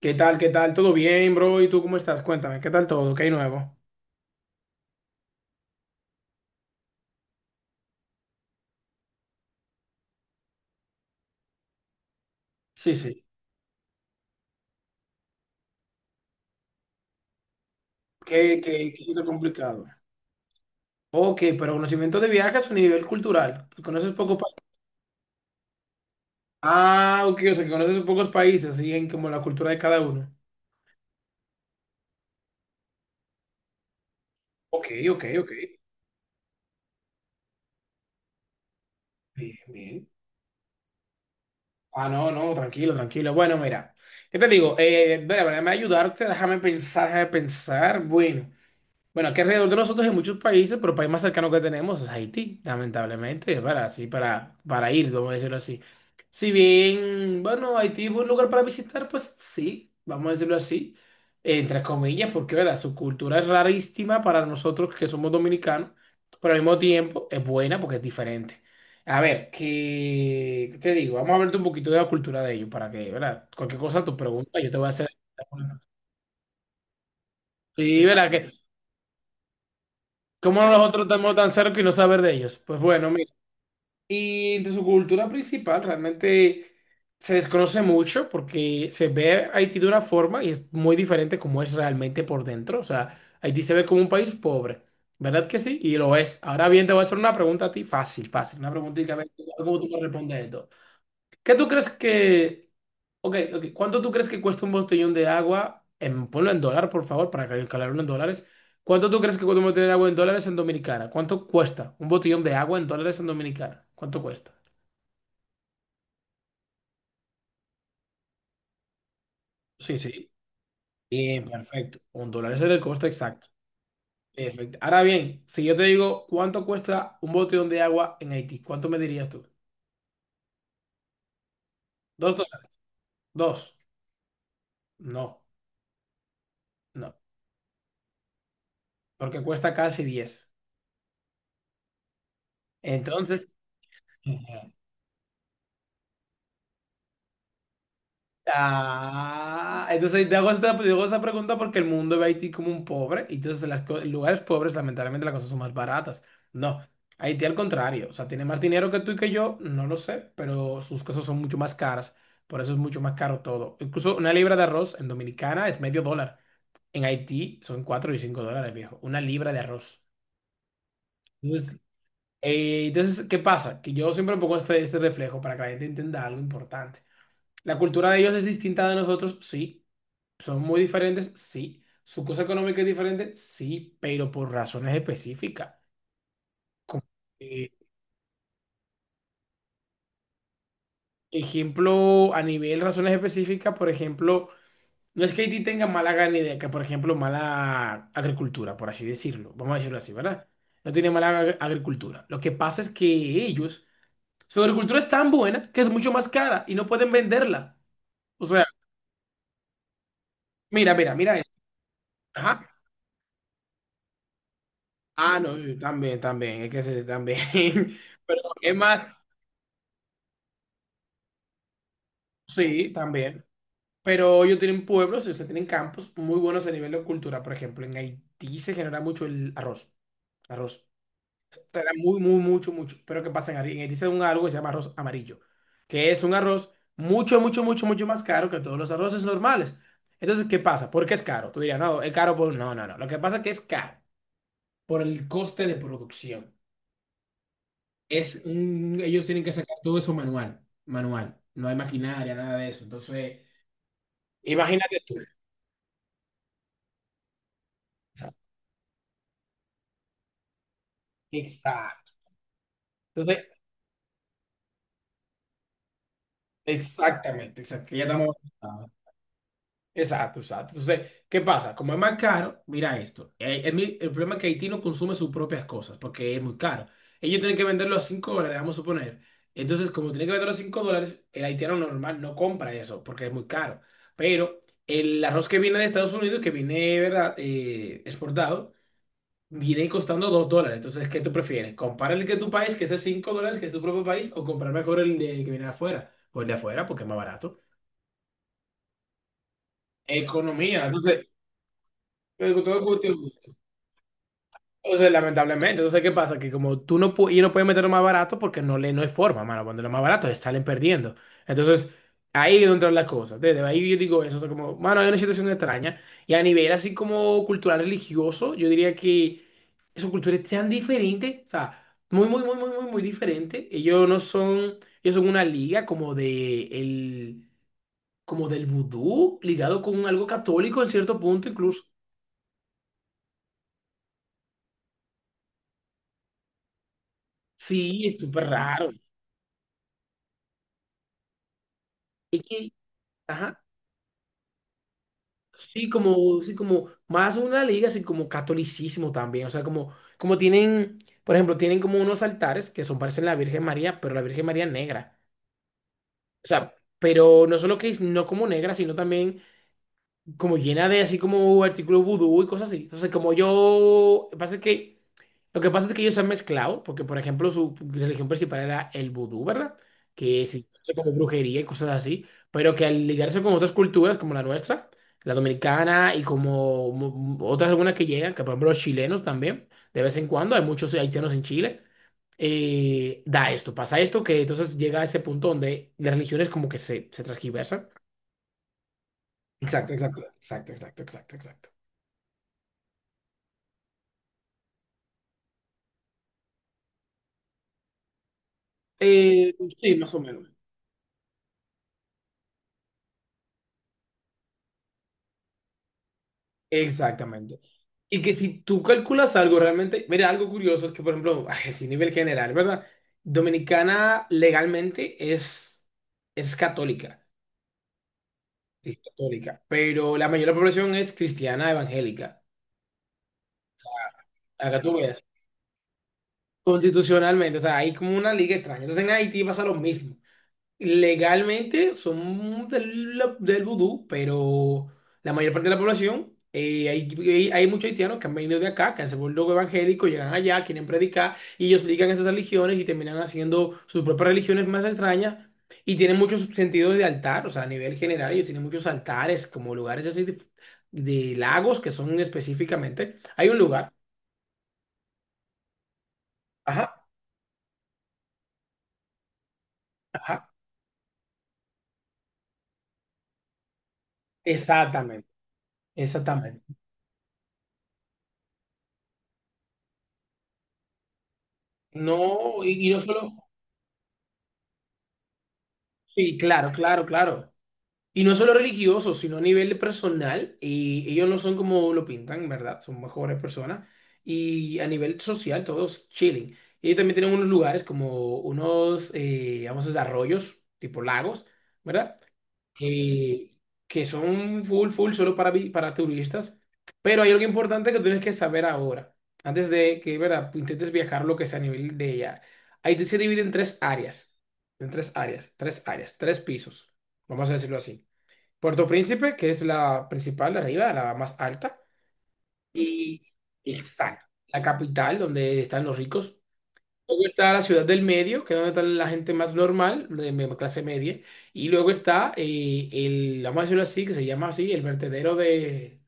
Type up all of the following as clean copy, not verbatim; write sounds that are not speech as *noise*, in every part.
¿Qué tal? ¿Qué tal? ¿Todo bien, bro? ¿Y tú cómo estás? Cuéntame, ¿qué tal todo? ¿Qué hay nuevo? Sí, sí. ¿Qué es lo complicado? Ok, pero conocimiento de viajes a nivel cultural. ¿Conoces pocos países? Ah, ok, o sea, que conoces pocos países, y en como la cultura de cada uno. Ok, ok, ok. Bien, bien. Ah, no, no, tranquilo, tranquilo. Bueno, mira, ¿qué te digo? Mira, déjame ayudarte, déjame pensar, déjame pensar. Bueno. Bueno, aquí alrededor de nosotros hay muchos países, pero el país más cercano que tenemos es Haití, lamentablemente, es para, así, para ir, vamos a decirlo así. Si bien, bueno, Haití es un lugar para visitar, pues sí, vamos a decirlo así, entre comillas, porque, ¿verdad?, su cultura es rarísima para nosotros que somos dominicanos, pero al mismo tiempo es buena porque es diferente. A ver, ¿qué te digo? Vamos a hablarte un poquito de la cultura de ellos para que, ¿verdad? Cualquier cosa, tu pregunta, yo te voy a hacer. Sí, ¿verdad? Que ¿Cómo nosotros estamos tan cerca y no saber de ellos? Pues bueno, mira. Y de su cultura principal realmente se desconoce mucho porque se ve a Haití de una forma y es muy diferente como es realmente por dentro. O sea, Haití se ve como un país pobre, ¿verdad que sí? Y lo es. Ahora bien, te voy a hacer una pregunta a ti, fácil, fácil, una preguntita a ver cómo tú me respondes esto. ¿Qué tú crees que Ok, ok. ¿Cuánto tú crees que cuesta un botellón de agua? En, ponlo en dólar, por favor, para calcularlo en dólares. ¿Cuánto tú crees que cuesta un botellón de agua en dólares en Dominicana? ¿Cuánto cuesta un botellón de agua en dólares en Dominicana? ¿Cuánto cuesta? Sí, sí. Bien, perfecto. $1 es el coste exacto. Perfecto. Ahora bien, si yo te digo cuánto cuesta un botellón de agua en Haití, ¿cuánto me dirías tú? ¿$2? Dos. No, no. Porque cuesta casi 10. Entonces, *laughs* Ah, entonces te hago esa pregunta porque el mundo ve a Haití como un pobre y entonces en los lugares pobres lamentablemente las cosas son más baratas. No, Haití al contrario, o sea, tiene más dinero que tú y que yo, no lo sé, pero sus cosas son mucho más caras, por eso es mucho más caro todo. Incluso una libra de arroz en Dominicana es medio dólar, en Haití son 4 y 5 dólares, viejo, una libra de arroz. Entonces, entonces, ¿qué pasa? Que yo siempre pongo este reflejo para que la gente entienda algo importante. La cultura de ellos es distinta de nosotros, sí. Son muy diferentes, sí. Su cosa económica es diferente, sí, pero por razones específicas. Como, eh, ejemplo, a nivel razones específicas, por ejemplo, no es que Haití tenga mala ganadería, por ejemplo, mala agricultura, por así decirlo. Vamos a decirlo así, ¿verdad? No tiene mala agricultura. Lo que pasa es que ellos, su agricultura es tan buena que es mucho más cara y no pueden venderla. O sea, mira, mira, mira esto. Ajá. Ah, no, sí, también, también, es que sí, también. *laughs* Pero es más, sí, también. Pero ellos tienen pueblos, ellos tienen campos muy buenos a nivel de cultura. Por ejemplo, en Haití se genera mucho el arroz. Arroz. Se da muy, muy, mucho, mucho. Pero ¿qué pasa en Haití? En Haití se da un algo que se llama arroz amarillo, que es un arroz mucho, mucho, mucho, mucho más caro que todos los arroces normales. Entonces, ¿qué pasa? ¿Por qué es caro? Tú dirías, no, es caro por... No, no, no. Lo que pasa es que es caro por el coste de producción. Ellos tienen que sacar todo eso manual, manual. No hay maquinaria, nada de eso. Entonces, imagínate tú. Exacto. Entonces, exactamente, exacto. que Ya estamos. Exacto, exacto. Entonces, ¿qué pasa? Como es más caro, mira esto. El problema es que Haití no consume sus propias cosas porque es muy caro. Ellos tienen que venderlo a $5, vamos a suponer. Entonces, como tienen que venderlo a $5, el haitiano normal no compra eso porque es muy caro. Pero el arroz que viene de Estados Unidos, que viene, ¿verdad?, exportado, viene costando $2. Entonces, ¿qué tú prefieres? ¿Comprar el que tu país, que es de $5, que es tu propio país, o comprar mejor el de que viene de afuera? O el de afuera, porque es más barato. Economía. Entonces, pero todo cuestión. Entonces lamentablemente. Entonces, ¿qué pasa? Que como tú no, ellos no pueden meterlo más barato porque no, le, no hay forma, mano. Cuando lo más barato, salen perdiendo. Entonces, ahí es donde entran las cosas. Desde ahí yo digo eso. O sea, como, mano, hay una situación extraña. Y a nivel así como cultural religioso, yo diría que su cultura es tan diferente. O sea, muy, muy, muy, muy, muy, muy diferente. Ellos no son, ellos son una liga como de el, como del vudú, ligado con algo católico en cierto punto, incluso. Sí, es súper raro. Es que, ajá. Sí, como más una liga, así como catolicismo también. O sea, como, como tienen, por ejemplo, tienen como unos altares que son parecen la Virgen María, pero la Virgen María negra. O sea, pero no solo que es no como negra, sino también como llena de así como artículos vudú y cosas así. Entonces, como yo, pasa que, lo que pasa es que ellos se han mezclado, porque por ejemplo su religión principal era el vudú, ¿verdad? Que sí, eso como brujería y cosas así, pero que al ligarse con otras culturas como la nuestra, la dominicana y como otras algunas que llegan, que por ejemplo los chilenos también, de vez en cuando, hay muchos haitianos en Chile, da esto, pasa esto, que entonces llega a ese punto donde las religiones como que se transgiversan. Exacto, exacto, exacto, exacto, exacto, exacto. Eh, sí, más o menos. Exactamente. Y que si tú calculas algo realmente, mira, algo curioso es que, por ejemplo, *laughs* ay, así nivel general, ¿verdad? Dominicana legalmente es católica, es católica, pero la mayor de la población es cristiana evangélica. Acá tú ves, constitucionalmente, o sea, hay como una liga extraña. Entonces en Haití pasa lo mismo. Legalmente son del, del vudú, pero la mayor parte de la población, hay muchos haitianos que han venido de acá, que han se vuelto evangélicos, llegan allá, quieren predicar, y ellos ligan esas religiones y terminan haciendo sus propias religiones más extrañas, y tienen muchos sentidos de altar, o sea, a nivel general, ellos tienen muchos altares, como lugares así de lagos que son específicamente. Hay un lugar, ajá, ajá, exactamente, exactamente. No, y no solo, sí, claro, claro, claro. Y no solo religiosos sino a nivel personal. Y ellos no son como lo pintan, ¿verdad? Son mejores personas. Y a nivel social, todos chilling. Y ellos también tienen unos lugares como unos, vamos a decir, arroyos, tipo lagos, ¿verdad? Que, que son full, full, solo para, para turistas. Pero hay algo importante que tienes que saber ahora. Antes de que, ¿verdad?, intentes viajar lo que sea a nivel de ella. Ahí se divide en tres áreas. En tres áreas, tres áreas, tres pisos. Vamos a decirlo así. Puerto Príncipe, que es la principal de arriba, la más alta, y exacto, la capital donde están los ricos. Luego está la ciudad del medio, que es donde está la gente más normal, de clase media. Y luego está vamos a decirlo así, que se llama así, el vertedero de,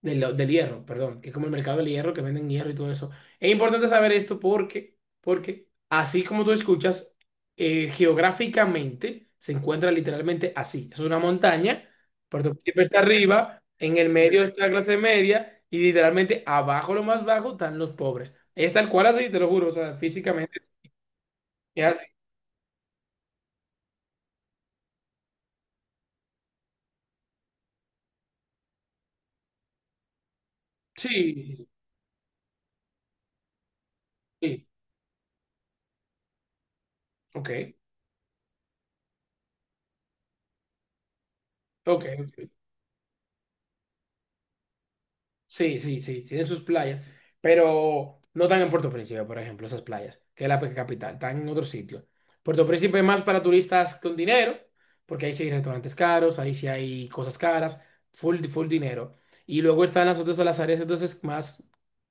del hierro, perdón, que es como el mercado del hierro, que venden hierro y todo eso. Es importante saber esto porque, porque así como tú escuchas, geográficamente se encuentra literalmente así. Es una montaña, Puerto Príncipe está arriba, en el medio está la clase media y literalmente abajo, lo más bajo, están los pobres. Es tal cual así, te lo juro, o sea, físicamente es así. Sí, sí, sí. Ok, ok. Ok. Sí, sí, sí, tienen sus playas, pero no están en Puerto Príncipe, por ejemplo, esas playas, que es la capital, están en otro sitio. Puerto Príncipe es más para turistas con dinero, porque ahí sí hay restaurantes caros, ahí sí hay cosas caras, full, full dinero. Y luego están las otras, las áreas entonces más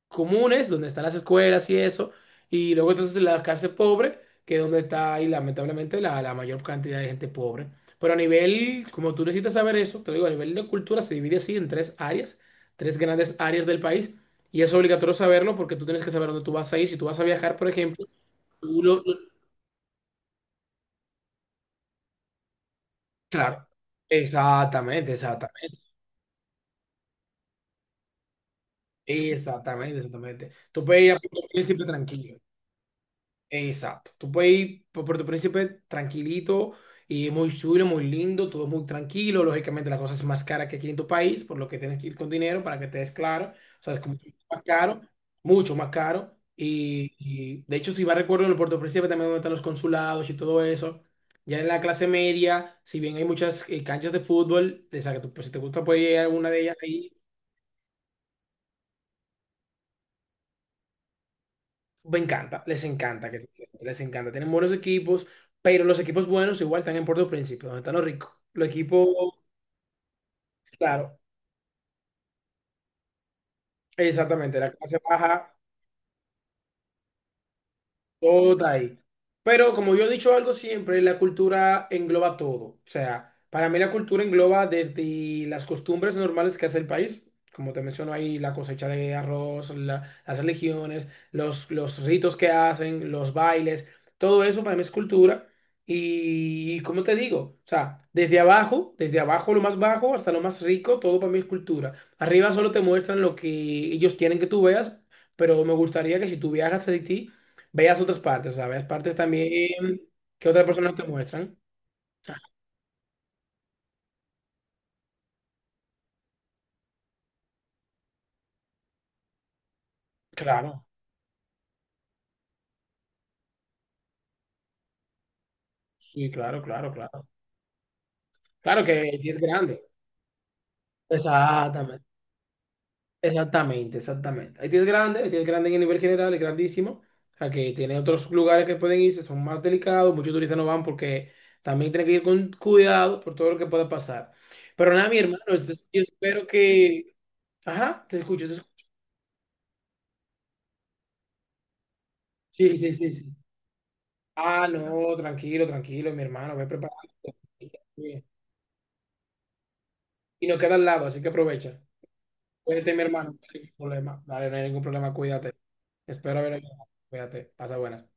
comunes, donde están las escuelas y eso, y luego entonces la clase pobre, que es donde está ahí lamentablemente la mayor cantidad de gente pobre. Pero a nivel, como tú necesitas saber eso, te digo, a nivel de cultura se divide así en tres áreas, tres grandes áreas del país, y es obligatorio saberlo porque tú tienes que saber dónde tú vas a ir. Si tú vas a viajar, por ejemplo, tú lo- lo- claro, exactamente, exactamente, exactamente, exactamente. Tú puedes ir a Puerto Príncipe tranquilo. Exacto. Tú puedes ir por Puerto Príncipe tranquilito y muy chulo, muy lindo, todo muy tranquilo. Lógicamente la cosa es más cara que aquí en tu país, por lo que tienes que ir con dinero para que te des claro. O sea, es como que más caro, mucho más caro. De hecho, si vas recuerdo en el Puerto Príncipe también donde están los consulados y todo eso. Ya en la clase media, si bien hay muchas canchas de fútbol, o sea, que tú, pues, si te gusta puedes ir a alguna de ellas ahí. Me encanta, les encanta, que les encanta. Tienen buenos equipos, pero los equipos buenos igual están en Puerto Príncipe, donde están los ricos. Los equipos, claro, exactamente, la clase baja. Todo ahí. Pero como yo he dicho algo siempre, la cultura engloba todo. O sea, para mí la cultura engloba desde las costumbres normales que hace el país, como te menciono ahí, la cosecha de arroz, las religiones, los ritos que hacen, los bailes, todo eso para mí es cultura. Y, como te digo, o sea, desde abajo lo más bajo hasta lo más rico, todo para mí es cultura. Arriba solo te muestran lo que ellos quieren que tú veas, pero me gustaría que si tú viajas a Haití, veas otras partes, o sea, veas partes también que otras personas te muestran. Claro, sí, claro, claro, claro. Claro que Haití es grande. Exactamente, exactamente, exactamente. Haití es grande en nivel general, es grandísimo. O sea, que tiene otros lugares que pueden irse, son más delicados, muchos turistas no van porque también tienen que ir con cuidado por todo lo que pueda pasar. Pero nada, mi hermano, entonces, yo espero que... Ajá, te escucho, te escucho. Sí, sí, sí, sí. Ah, no, tranquilo, tranquilo, mi hermano, ve preparando. Y nos queda al lado, así que aprovecha. Cuídate, mi hermano. No hay ningún problema. Dale, no hay ningún problema, cuídate. Espero haber ayudado. Cuídate. Pasa buenas.